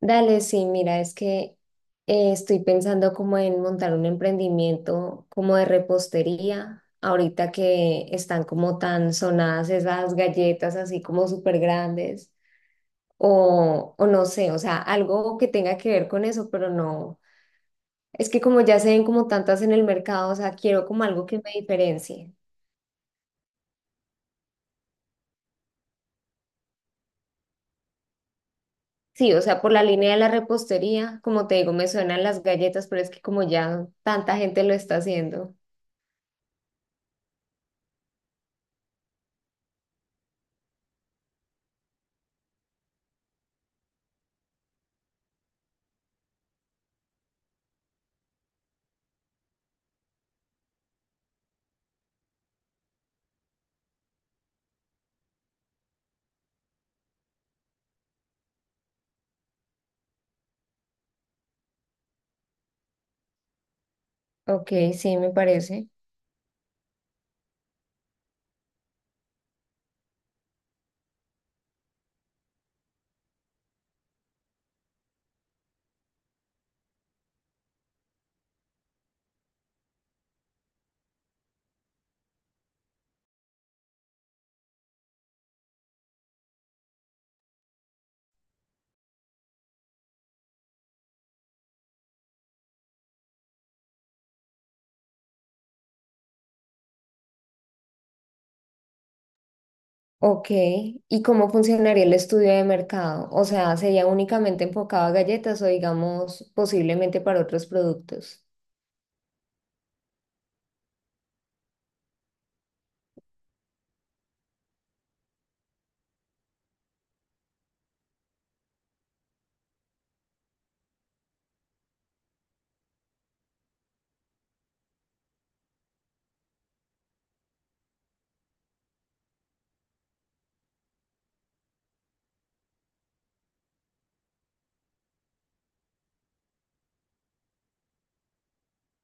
Dale, sí, mira, es que estoy pensando como en montar un emprendimiento como de repostería, ahorita que están como tan sonadas esas galletas así como súper grandes, o no sé, o sea, algo que tenga que ver con eso, pero no, es que como ya se ven como tantas en el mercado, o sea, quiero como algo que me diferencie. Sí, o sea, por la línea de la repostería, como te digo, me suenan las galletas, pero es que como ya tanta gente lo está haciendo. Ok, sí, me parece. Ok, ¿y cómo funcionaría el estudio de mercado? O sea, ¿sería únicamente enfocado a galletas o digamos posiblemente para otros productos?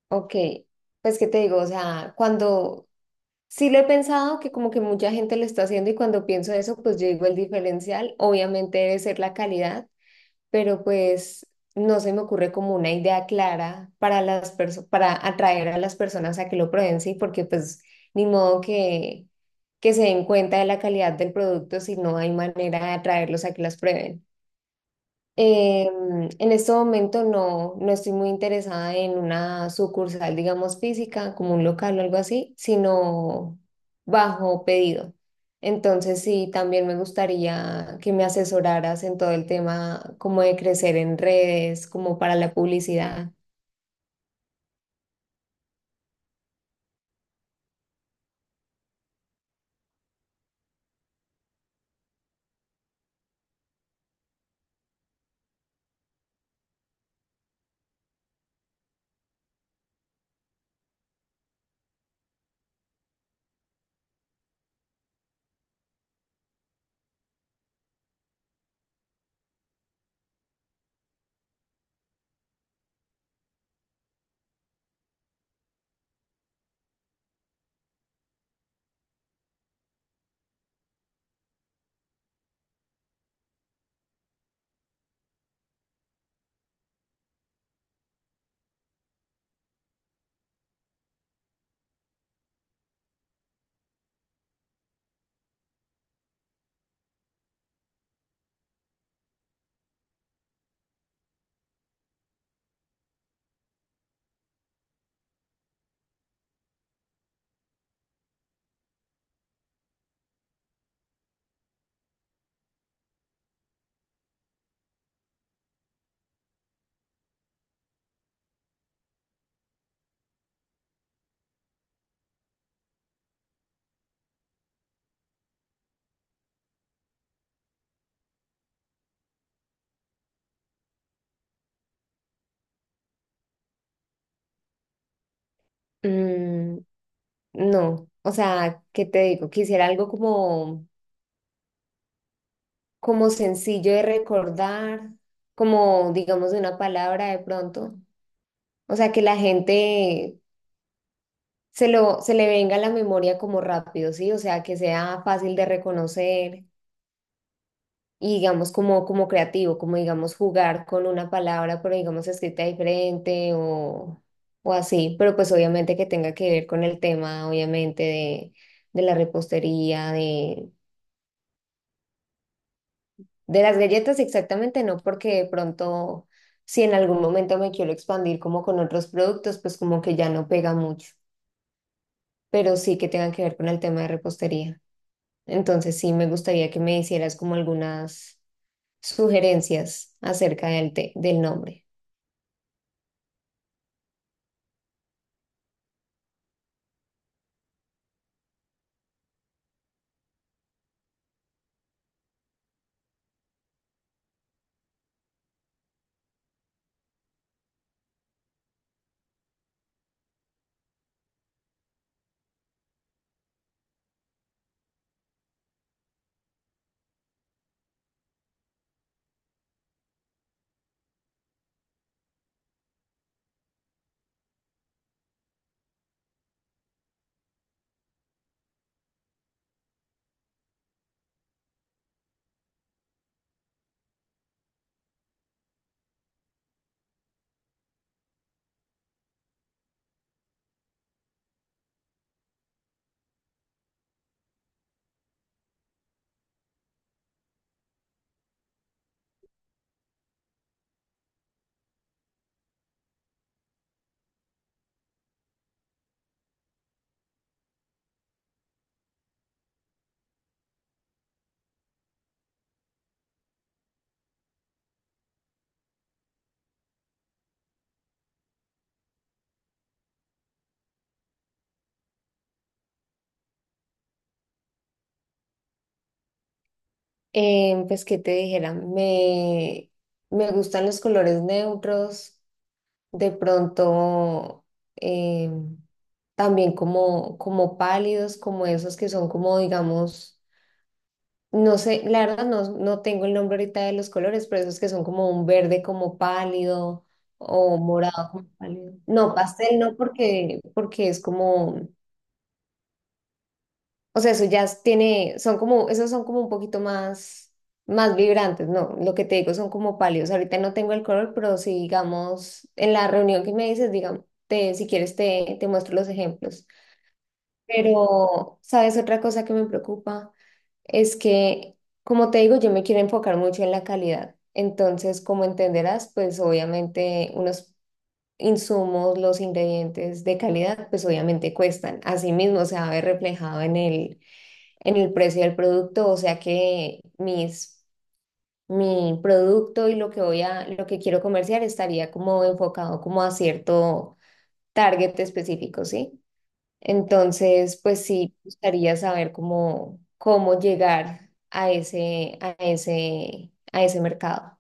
Ok, pues qué te digo, o sea, cuando sí lo he pensado que como que mucha gente lo está haciendo y cuando pienso eso, pues yo digo el diferencial obviamente debe ser la calidad, pero pues no se me ocurre como una idea clara para para atraer a las personas a que lo prueben, sí, porque pues ni modo que se den cuenta de la calidad del producto si no hay manera de atraerlos a que las prueben. En este momento no estoy muy interesada en una sucursal, digamos, física, como un local o algo así, sino bajo pedido. Entonces, sí, también me gustaría que me asesoraras en todo el tema como de crecer en redes, como para la publicidad. Mm, no, o sea, ¿qué te digo? Quisiera algo como, como sencillo de recordar, como digamos de una palabra de pronto. O sea, que la gente se le venga a la memoria como rápido, ¿sí? O sea, que sea fácil de reconocer y digamos como, como creativo, como digamos jugar con una palabra, pero digamos escrita diferente o así, pero pues obviamente que tenga que ver con el tema, obviamente, de la repostería, de las galletas exactamente, no porque de pronto... Si en algún momento me quiero expandir como con otros productos, pues como que ya no pega mucho, pero sí que tenga que ver con el tema de repostería. Entonces sí me gustaría que me hicieras como algunas sugerencias acerca del nombre. Pues qué te dijera, me gustan los colores neutros, de pronto eh, también como, como pálidos, como esos que son como digamos, no sé, la verdad no tengo el nombre ahorita de los colores, pero esos que son como un verde como pálido o morado como pálido. No, pastel no, porque es como... O sea, eso ya tiene, son como, esos son como un poquito más, más vibrantes, ¿no? Lo que te digo son como pálidos. Ahorita no tengo el color, pero si digamos, en la reunión que me dices, digamos, te, si quieres te muestro los ejemplos. Pero, ¿sabes? Otra cosa que me preocupa es que, como te digo, yo me quiero enfocar mucho en la calidad. Entonces, como entenderás, pues obviamente unos insumos, los ingredientes de calidad, pues obviamente cuestan. Así mismo se va a ver reflejado en el precio del producto, o sea que mi producto y lo que voy lo que quiero comerciar estaría como enfocado como a cierto target específico, ¿sí? Entonces, pues sí, me gustaría saber cómo, cómo llegar a ese, a ese, a ese mercado.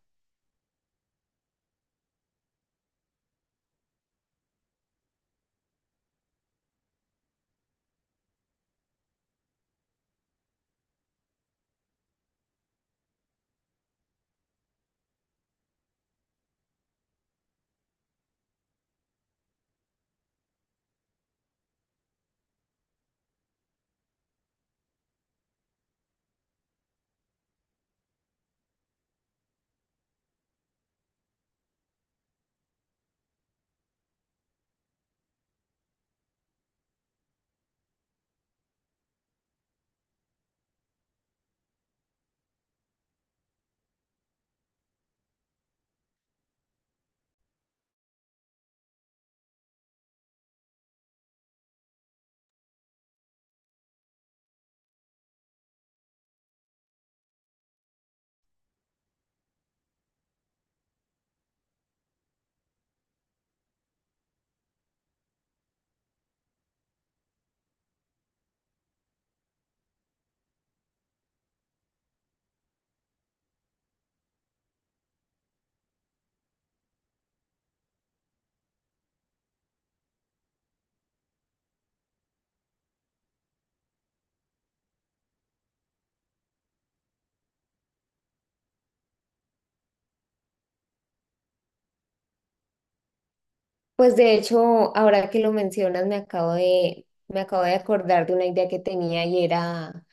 Pues de hecho, ahora que lo mencionas, me acabo de acordar de una idea que tenía y era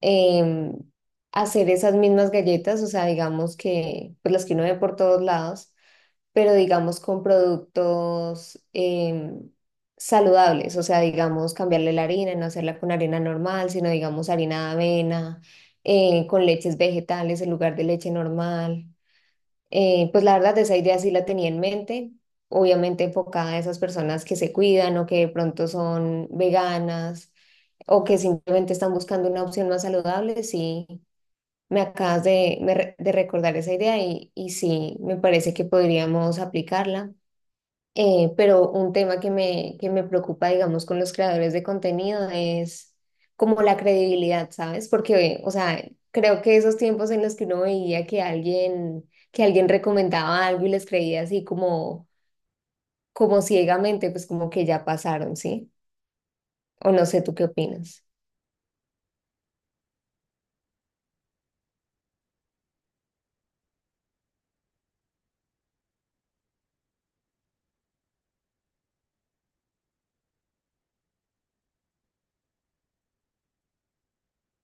em, hacer esas mismas galletas, o sea, digamos que, pues las que uno ve por todos lados, pero digamos con productos saludables, o sea, digamos cambiarle la harina, no hacerla con harina normal, sino digamos harina de avena, con leches vegetales en lugar de leche normal. Pues la verdad, esa idea sí la tenía en mente, obviamente enfocada a esas personas que se cuidan o que de pronto son veganas o que simplemente están buscando una opción más saludable. Sí, me acabas de, me re- de recordar esa idea y sí, me parece que podríamos aplicarla. Pero un tema que que me preocupa, digamos, con los creadores de contenido es como la credibilidad, ¿sabes? Porque, o sea, creo que esos tiempos en los que uno veía que alguien recomendaba algo y les creía así como, como ciegamente, pues como que ya pasaron, ¿sí? O no sé, ¿tú qué opinas?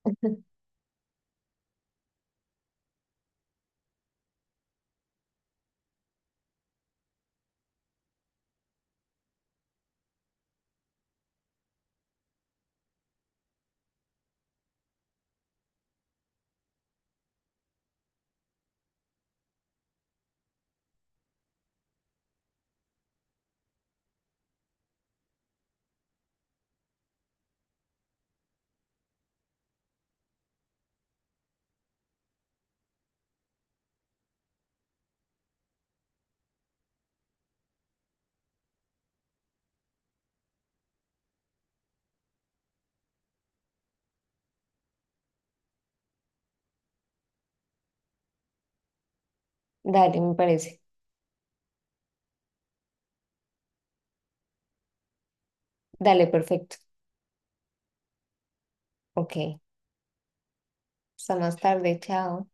Dale, me parece. Dale, perfecto. Ok. Hasta más tarde, chao.